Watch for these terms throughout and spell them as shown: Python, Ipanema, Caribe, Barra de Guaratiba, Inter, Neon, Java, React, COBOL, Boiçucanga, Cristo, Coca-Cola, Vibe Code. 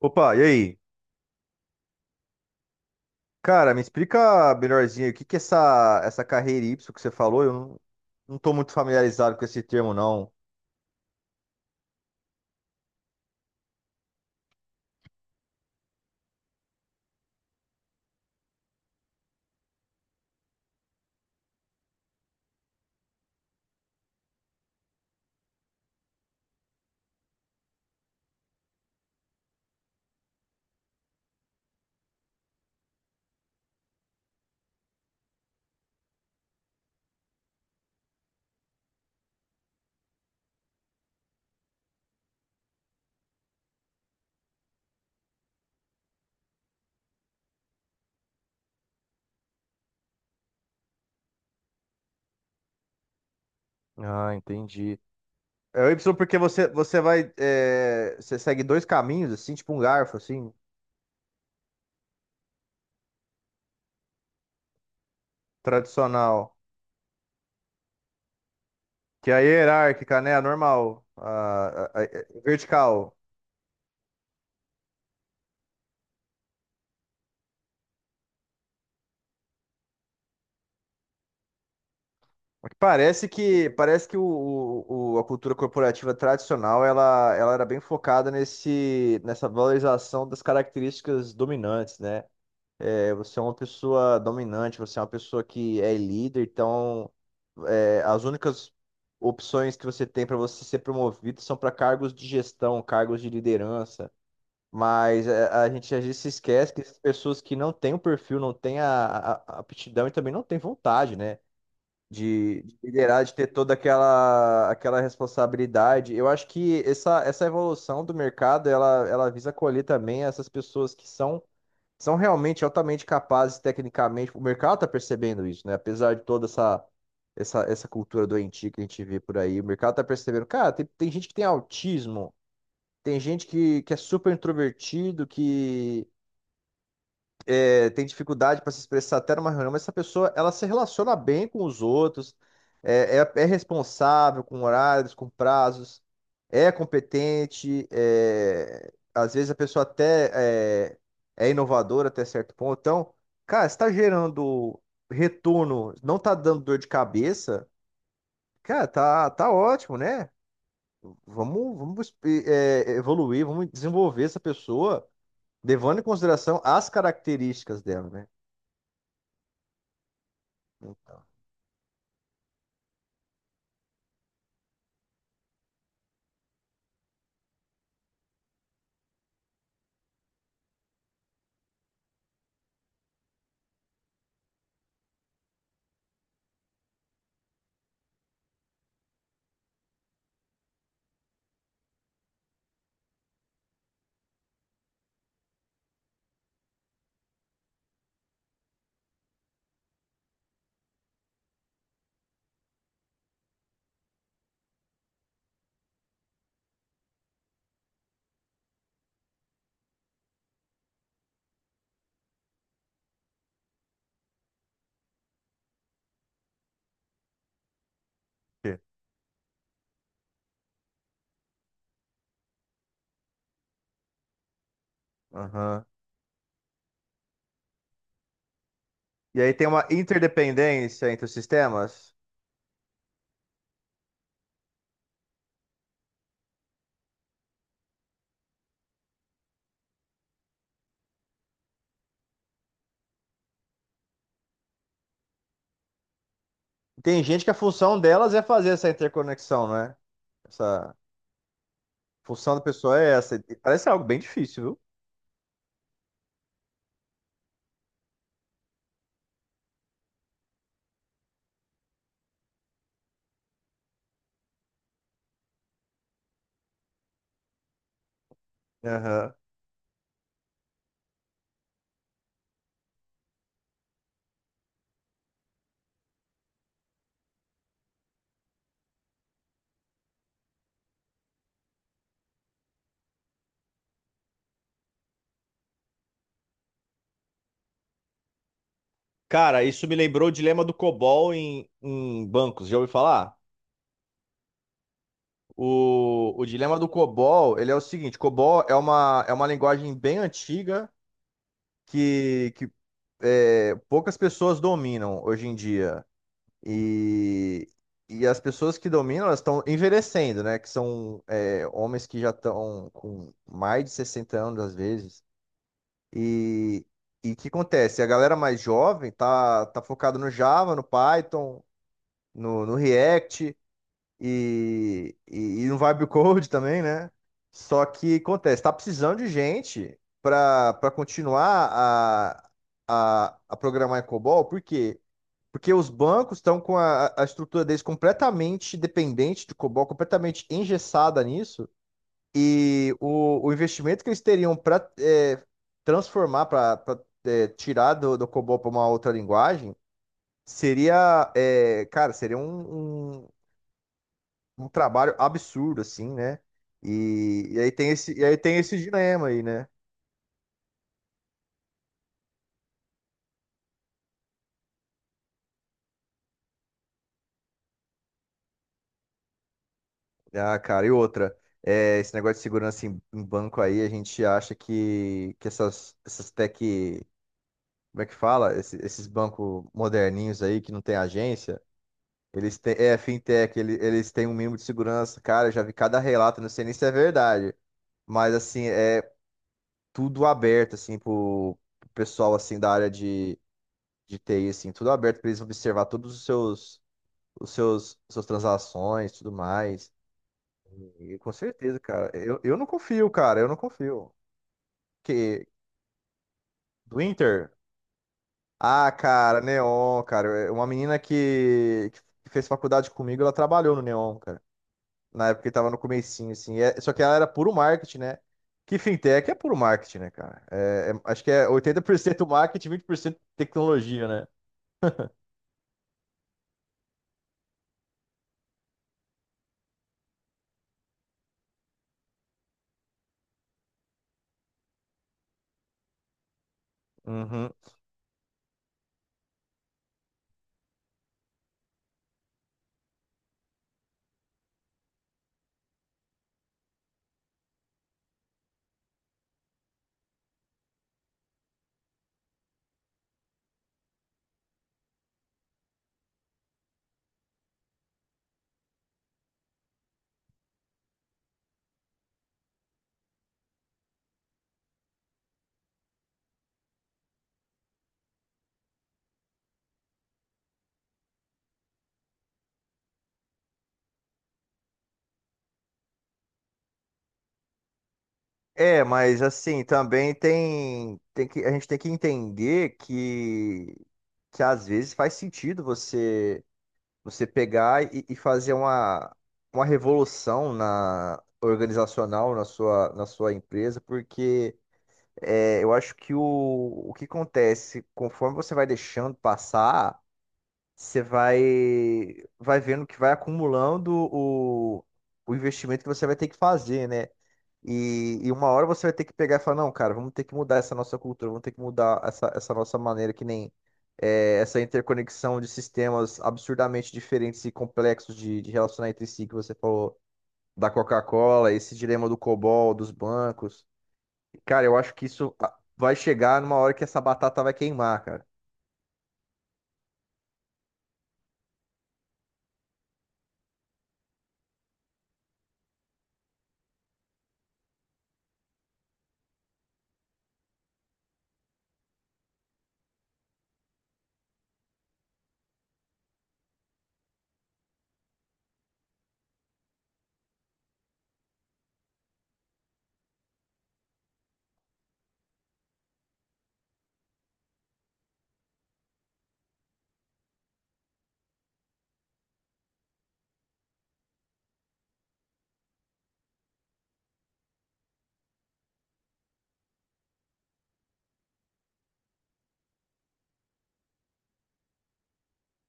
Opa, e aí? Cara, me explica melhorzinho aí, o que que é essa carreira Y que você falou? Eu não tô muito familiarizado com esse termo, não. Ah, entendi. É o Y porque você segue dois caminhos, assim, tipo um garfo, assim, tradicional. Que é a hierárquica, né? A normal. A vertical. Parece que a cultura corporativa tradicional ela era bem focada nessa valorização das características dominantes, né? Você é uma pessoa dominante, você é uma pessoa que é líder, então as únicas opções que você tem para você ser promovido são para cargos de gestão, cargos de liderança. Mas a gente às vezes se esquece que essas pessoas que não têm o perfil, não têm a aptidão e também não têm vontade, né? De liderar, de ter toda aquela responsabilidade. Eu acho que essa evolução do mercado, ela visa acolher também essas pessoas que são realmente altamente capazes tecnicamente. O mercado está percebendo isso, né? Apesar de toda essa cultura doentia que a gente vê por aí, o mercado está percebendo. Cara, tem gente que tem autismo, tem gente que é super introvertido, que tem dificuldade para se expressar até numa reunião, mas essa pessoa, ela se relaciona bem com os outros, é responsável com horários, com prazos, é competente, às vezes a pessoa até é, é inovadora até certo ponto. Então, cara, está gerando retorno, não tá dando dor de cabeça, cara, tá ótimo, né? Vamos evoluir, vamos desenvolver essa pessoa, levando em consideração as características dela, né? Então. Aham. E aí tem uma interdependência entre os sistemas. Tem gente que a função delas é fazer essa interconexão, né? Essa função da pessoa é essa. E parece algo bem difícil, viu? Aham. Cara, isso me lembrou o dilema do COBOL em bancos. Já ouviu falar? O dilema do COBOL, ele é o seguinte, COBOL é uma linguagem bem antiga que poucas pessoas dominam hoje em dia. E, e as pessoas que dominam, elas estão envelhecendo, né? Que são homens que já estão com mais de 60 anos, às vezes. E e o que acontece? A galera mais jovem tá focada no Java, no Python, no React e, e, e no Vibe Code também, né? Só que acontece, tá precisando de gente para continuar a programar em COBOL, porque os bancos estão com a estrutura deles completamente dependente de COBOL, completamente engessada nisso, e o investimento que eles teriam para transformar, para tirar do COBOL para uma outra linguagem, cara, seria um trabalho absurdo, assim, né? E aí tem esse, e aí tem esse dilema aí, né? Ah, cara, e outra. É, esse negócio de segurança em banco aí, a gente acha que essas tech, como é que fala? Esses bancos moderninhos aí que não tem agência, eles têm, é fintech, eles têm um mínimo de segurança. Cara, eu já vi cada relato, não sei nem se é verdade, mas assim, é tudo aberto assim pro pessoal assim da área de TI assim, tudo aberto para eles observar todos os seus suas transações, tudo mais. E com certeza, cara. Eu não confio, cara, eu não confio. Que do Inter. Ah, cara, Neon, cara. Uma menina que fez faculdade comigo, ela trabalhou no Neon, cara. Na época que tava no comecinho, assim. Só que ela era puro marketing, né? Que fintech é puro marketing, né, cara? Acho que é 80% marketing, 20% tecnologia, né? Uhum. É, mas assim, também a gente tem que entender que às vezes faz sentido você. Você pegar e fazer uma revolução na organizacional na sua empresa, porque eu acho que o que acontece, conforme você vai deixando passar, você vai, vai, vendo que vai acumulando o investimento que você vai ter que fazer, né? E uma hora você vai ter que pegar e falar, não, cara, vamos ter que mudar essa nossa cultura, vamos ter que mudar essa nossa maneira, que nem essa interconexão de sistemas absurdamente diferentes e complexos de relacionar entre si, que você falou da Coca-Cola, esse dilema do COBOL, dos bancos. Cara, eu acho que isso vai chegar numa hora que essa batata vai queimar, cara.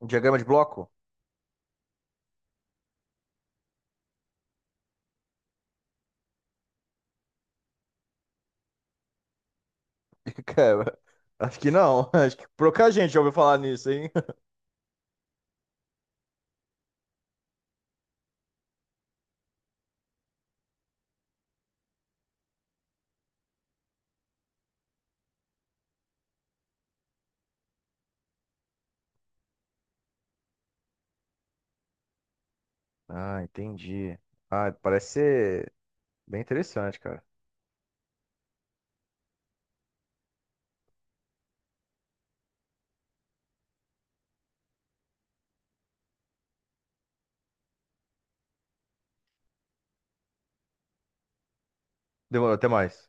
Um diagrama de bloco? Cara, acho que não. Acho que pouca gente já ouviu falar nisso, hein? Ah, entendi. Ah, parece ser bem interessante, cara. Demorou, até mais.